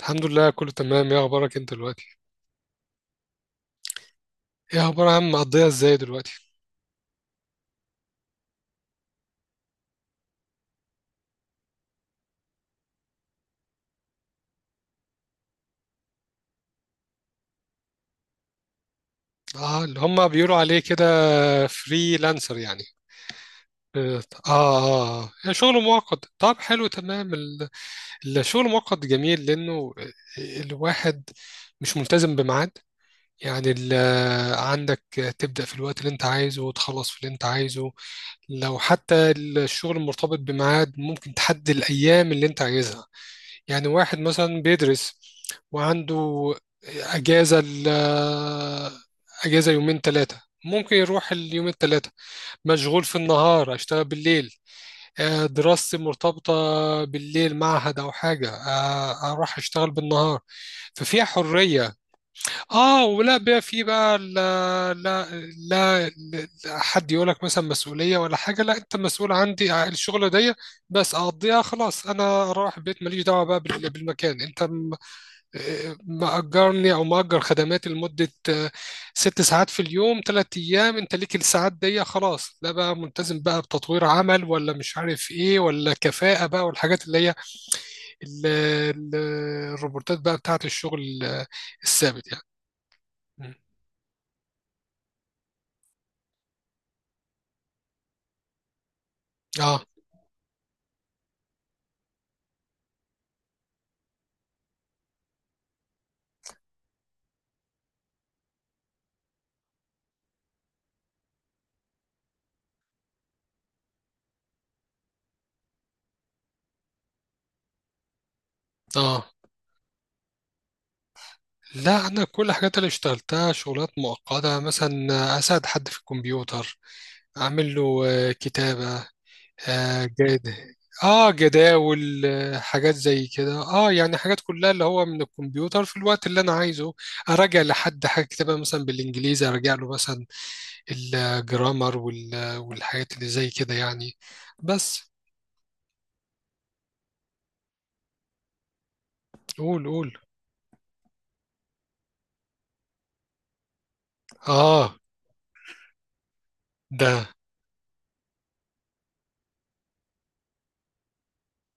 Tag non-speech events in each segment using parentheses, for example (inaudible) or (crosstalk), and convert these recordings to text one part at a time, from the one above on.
الحمد لله، كله تمام. ايه اخبارك انت دلوقتي؟ ايه اخبار يا عم، مقضيها ازاي دلوقتي؟ اه، اللي هم بيقولوا عليه كده، فريلانسر يعني. اه، اه، آه. يعني شغل مؤقت، طب حلو تمام. الشغل المؤقت جميل لانه الواحد مش ملتزم بميعاد. يعني ال- عندك تبدأ في الوقت اللي انت عايزه، وتخلص في اللي انت عايزه. لو حتى الشغل مرتبط بميعاد ممكن تحدد الأيام اللي انت عايزها. يعني واحد مثلا بيدرس وعنده أجازة ال أجازة يومين ثلاثة، ممكن يروح اليومين الثلاثة. مشغول في النهار أشتغل بالليل. دراستي مرتبطة بالليل، معهد أو حاجة. أروح أشتغل بالنهار. ففيها حرية. آه، ولا بقى، في بقى، لا لا، لا لا، حد يقولك مثلا مسؤولية ولا حاجة. لا، أنت مسؤول عندي الشغلة دي، بس أقضيها خلاص أنا أروح البيت، ماليش دعوة بقى بالمكان. أنت مأجرني أو مأجر خدماتي لمدة ست ساعات في اليوم، تلات أيام. أنت ليك الساعات دي خلاص، لا بقى ملتزم بقى بتطوير عمل، ولا مش عارف إيه، ولا كفاءة بقى، والحاجات اللي هي ال- ال- الروبورتات بقى بتاعة الشغل، الثابت يعني. م. آه، آه، لا أنا كل الحاجات اللي اشتغلتها شغلات مؤقتة. مثلا أساعد حد في الكمبيوتر، أعمل له كتابة، آه جد اه جداول، حاجات زي كده. اه، يعني حاجات كلها اللي هو من الكمبيوتر في الوقت اللي انا عايزه. اراجع لحد حاجه كتابها مثلا بالانجليزي، اراجع له مثلا الجرامر والحاجات اللي زي كده يعني. بس. قول قول. اه، ده،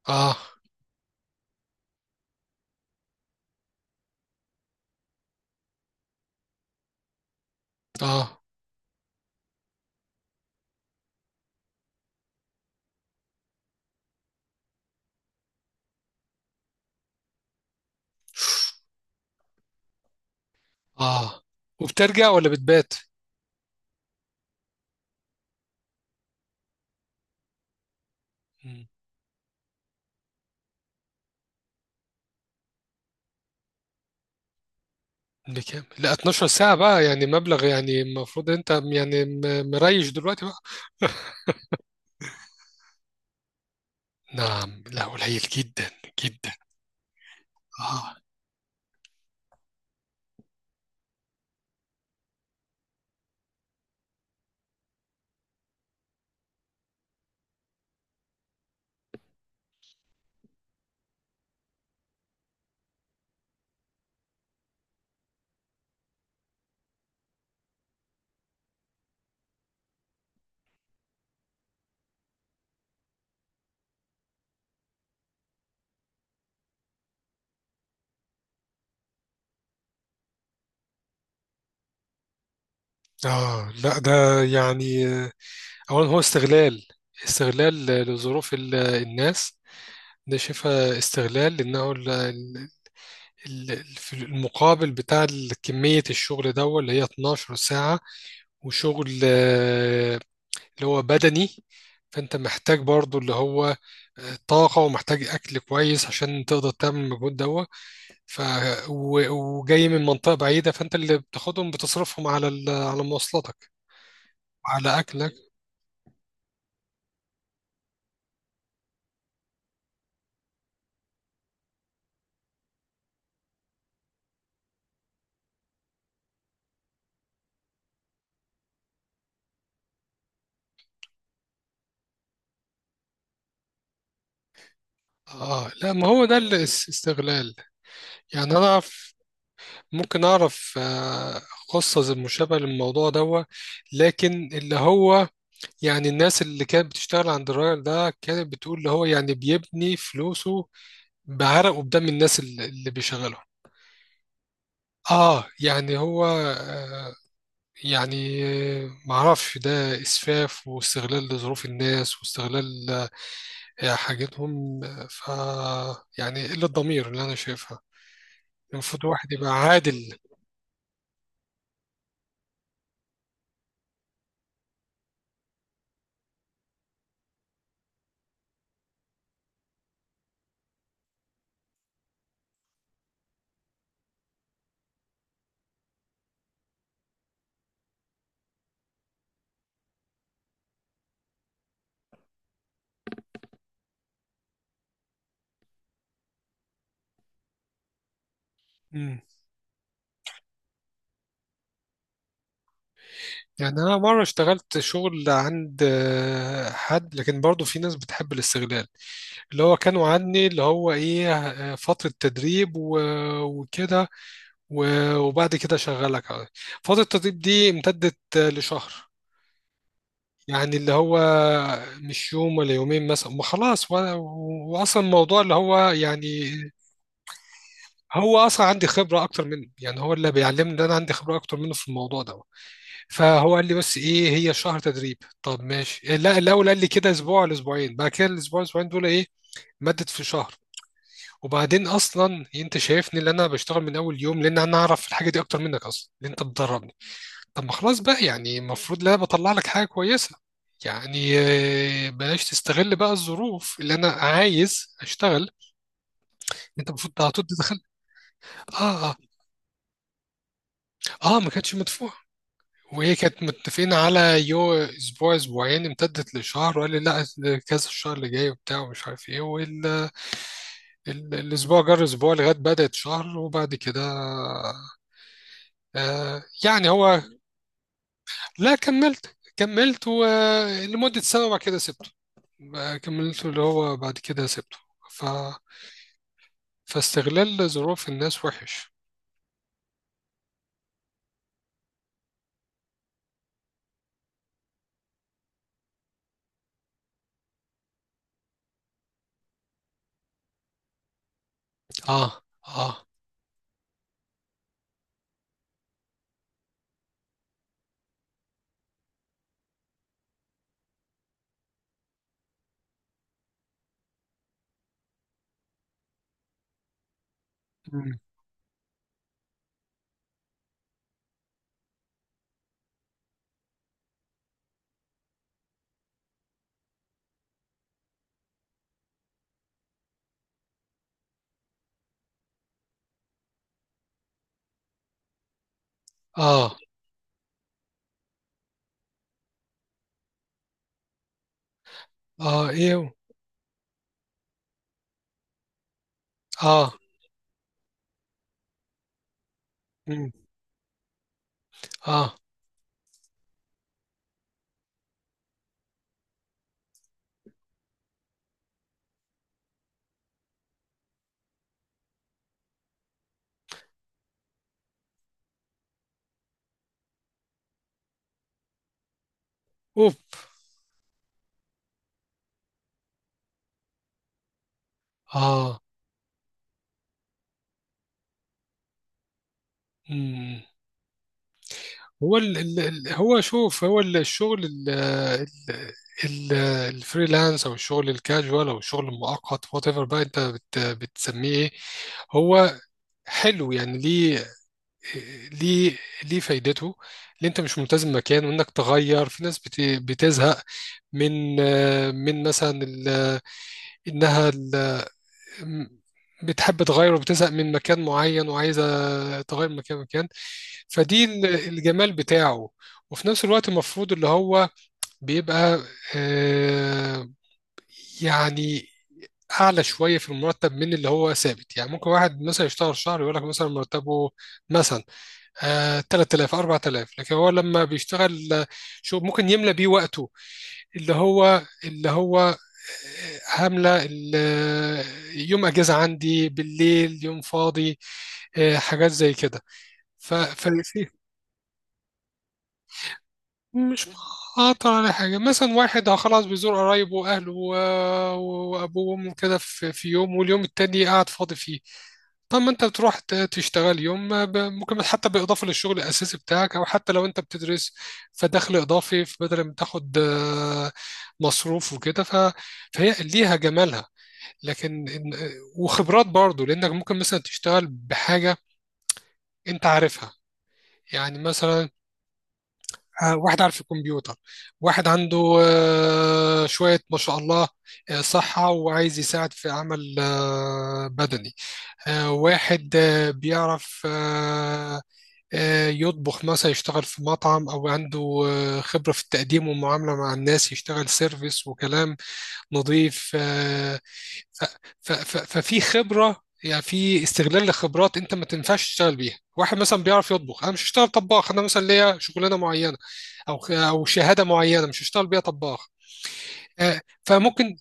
اه، اه، اه. وبترجع ولا بتبات؟ مم. بكام؟ لا، 12 ساعة بقى يعني، مبلغ يعني، المفروض انت يعني مريش دلوقتي بقى. (laughs) نعم؟ لا، قليل جدا. جدا. اه، اه، لا ده، يعني اولا هو استغلال، استغلال الناس. ده شايفها استغلال لانه في المقابل بتاع كمية الشغل ده، اللي هي 12 ساعة. وشغل اللي هو بدني. فانت محتاج برضو اللي هو طاقة، ومحتاج أكل كويس عشان تقدر تعمل المجهود ده. ف... و- وجاي من منطقة بعيدة، فأنت اللي بتاخدهم بتصرفهم على مواصلاتك، على أكلك. اه، لا ما هو ده الاستغلال. يعني انا اعرف، ممكن اعرف قصة زي مشابهة للموضوع ده، لكن اللي هو يعني الناس اللي كانت بتشتغل عند الراجل ده، كانت بتقول اللي هو يعني بيبني فلوسه بعرق وبدم الناس اللي بيشغله. اه، يعني هو، آه، يعني معرفش، ده اسفاف واستغلال لظروف الناس، واستغلال حاجتهم. آه، ف يعني قلة ضمير اللي انا شايفها. المفروض الواحد يبقى عادل. مم. يعني أنا مرة اشتغلت شغل عند حد، لكن برضو في ناس بتحب الاستغلال. اللي هو كانوا عني اللي هو إيه، فترة تدريب وكده، وبعد كده شغلك. فترة التدريب دي امتدت لشهر. يعني اللي هو مش يوم ولا يومين، مثلا ما خلاص وأصلا الموضوع اللي هو يعني، هو أصلا عندي خبرة أكتر منه. يعني هو اللي بيعلمني إن أنا عندي خبرة أكتر منه في الموضوع ده. فهو قال لي بس ايه، هي شهر تدريب. طب ماشي. لا، الاول قال لي كده اسبوع لاسبوعين، بعد كده الاسبوع الاسبوعين دول ايه، مدد في شهر. وبعدين اصلا انت شايفني اللي انا بشتغل من اول يوم، لان انا اعرف الحاجه دي اكتر منك اصلا، اللي انت بتدربني. طب ما خلاص بقى يعني، المفروض لا بطلع لك حاجه كويسه. يعني بلاش تستغل بقى الظروف اللي انا عايز اشتغل. انت المفروض على طول دخلت. اه، اه، اه، ما كانتش مدفوعه. وهي كانت متفقين على اسبوع اسبوعين، امتدت لشهر، وقال لي لا، كذا الشهر اللي جاي وبتاع ومش عارف ايه الاسبوع جر اسبوع لغايه بدات شهر. وبعد كده، آه يعني هو، لا كملت، ولمده سنه وبعد كده سبته. ما كملت اللي هو، بعد كده سبته. ف... فاستغلال ظروف الناس وحش. اه، اه. مم. اه، اه، ايه، اه. مم. اه. اوف. اه. مم. هو هو شوف، هو الشغل ال- الفريلانس او الشغل الكاجوال او الشغل المؤقت، وات ايفر بقى انت بتسميه ايه. هو حلو يعني. ليه؟ ليه؟ ليه فايدته؟ اللي انت مش ملتزم مكان، وانك تغير في ناس بتزهق من، من مثلا انها، أم، بتحب تغير وبتزهق من مكان معين، وعايزة تغير من مكان مكان. فدي الجمال بتاعه. وفي نفس الوقت المفروض اللي هو بيبقى آه، يعني أعلى شوية في المرتب من اللي هو ثابت. يعني ممكن واحد مثلا يشتغل شهر يقول لك مثلا مرتبه مثلا 3000 4000، لكن هو لما بيشتغل شو، ممكن يملى بيه وقته. اللي هو هاملة يوم أجازة عندي، بالليل يوم فاضي، حاجات زي كده. ف- ففي مش مقاطع على حاجة. مثلا واحد خلاص بيزور قرايبه وأهله وأبوه وأمه كده في في يوم، واليوم التاني قاعد فاضي فيه. طب ما أنت بتروح تشتغل يوم، ما ممكن حتى بالإضافة للشغل الأساسي بتاعك، أو حتى لو أنت بتدرس، فدخل إضافي بدل ما تاخد مصروف وكده. فهي ليها جمالها، لكن وخبرات برضو، لانك ممكن مثلا تشتغل بحاجه انت عارفها. يعني مثلا واحد عارف الكمبيوتر، واحد عنده شويه ما شاء الله صحه، وعايز يساعد في عمل بدني. واحد بيعرف يطبخ، مثلا يشتغل في مطعم، او عنده خبره في التقديم والمعامله مع الناس، يشتغل سيرفيس وكلام نظيف. ف- ففي خبرة يعني، في استغلال لخبرات انت ما تنفعش تشتغل بيها. واحد مثلا بيعرف يطبخ، انا مش هشتغل طباخ انا، مثلا ليا شغلانة معينة او شهادة معينة، مش هشتغل بيها طباخ. فممكن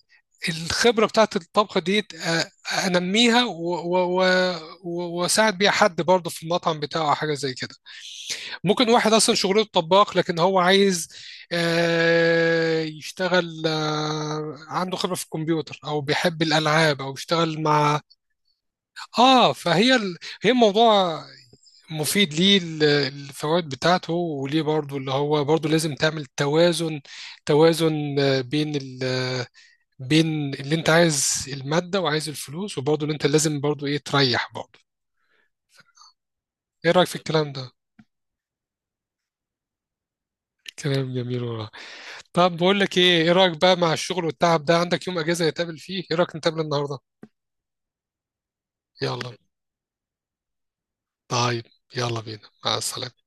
الخبرة بتاعت الطبخ دي انميها واساعد بيها حد برضه في المطعم بتاعه، أو حاجة زي كده. ممكن واحد اصلا شغله طباخ، لكن هو عايز يشتغل، عنده خبرة في الكمبيوتر، او بيحب الالعاب، او يشتغل مع. اه. هي الموضوع مفيد، ليه الفوائد بتاعته، وليه برضو اللي هو برضو لازم تعمل توازن. بين ال... بين اللي انت عايز المادة وعايز الفلوس، وبرضو اللي انت لازم برضو ايه، تريح برضو. ايه رأيك في الكلام ده؟ كلام جميل والله. طب بقول لك ايه، ايه رايك بقى مع الشغل والتعب ده؟ عندك يوم اجازه نتقابل فيه؟ ايه رايك نتقابل النهارده؟ يلا. طيب. يلا بينا، مع السلامه.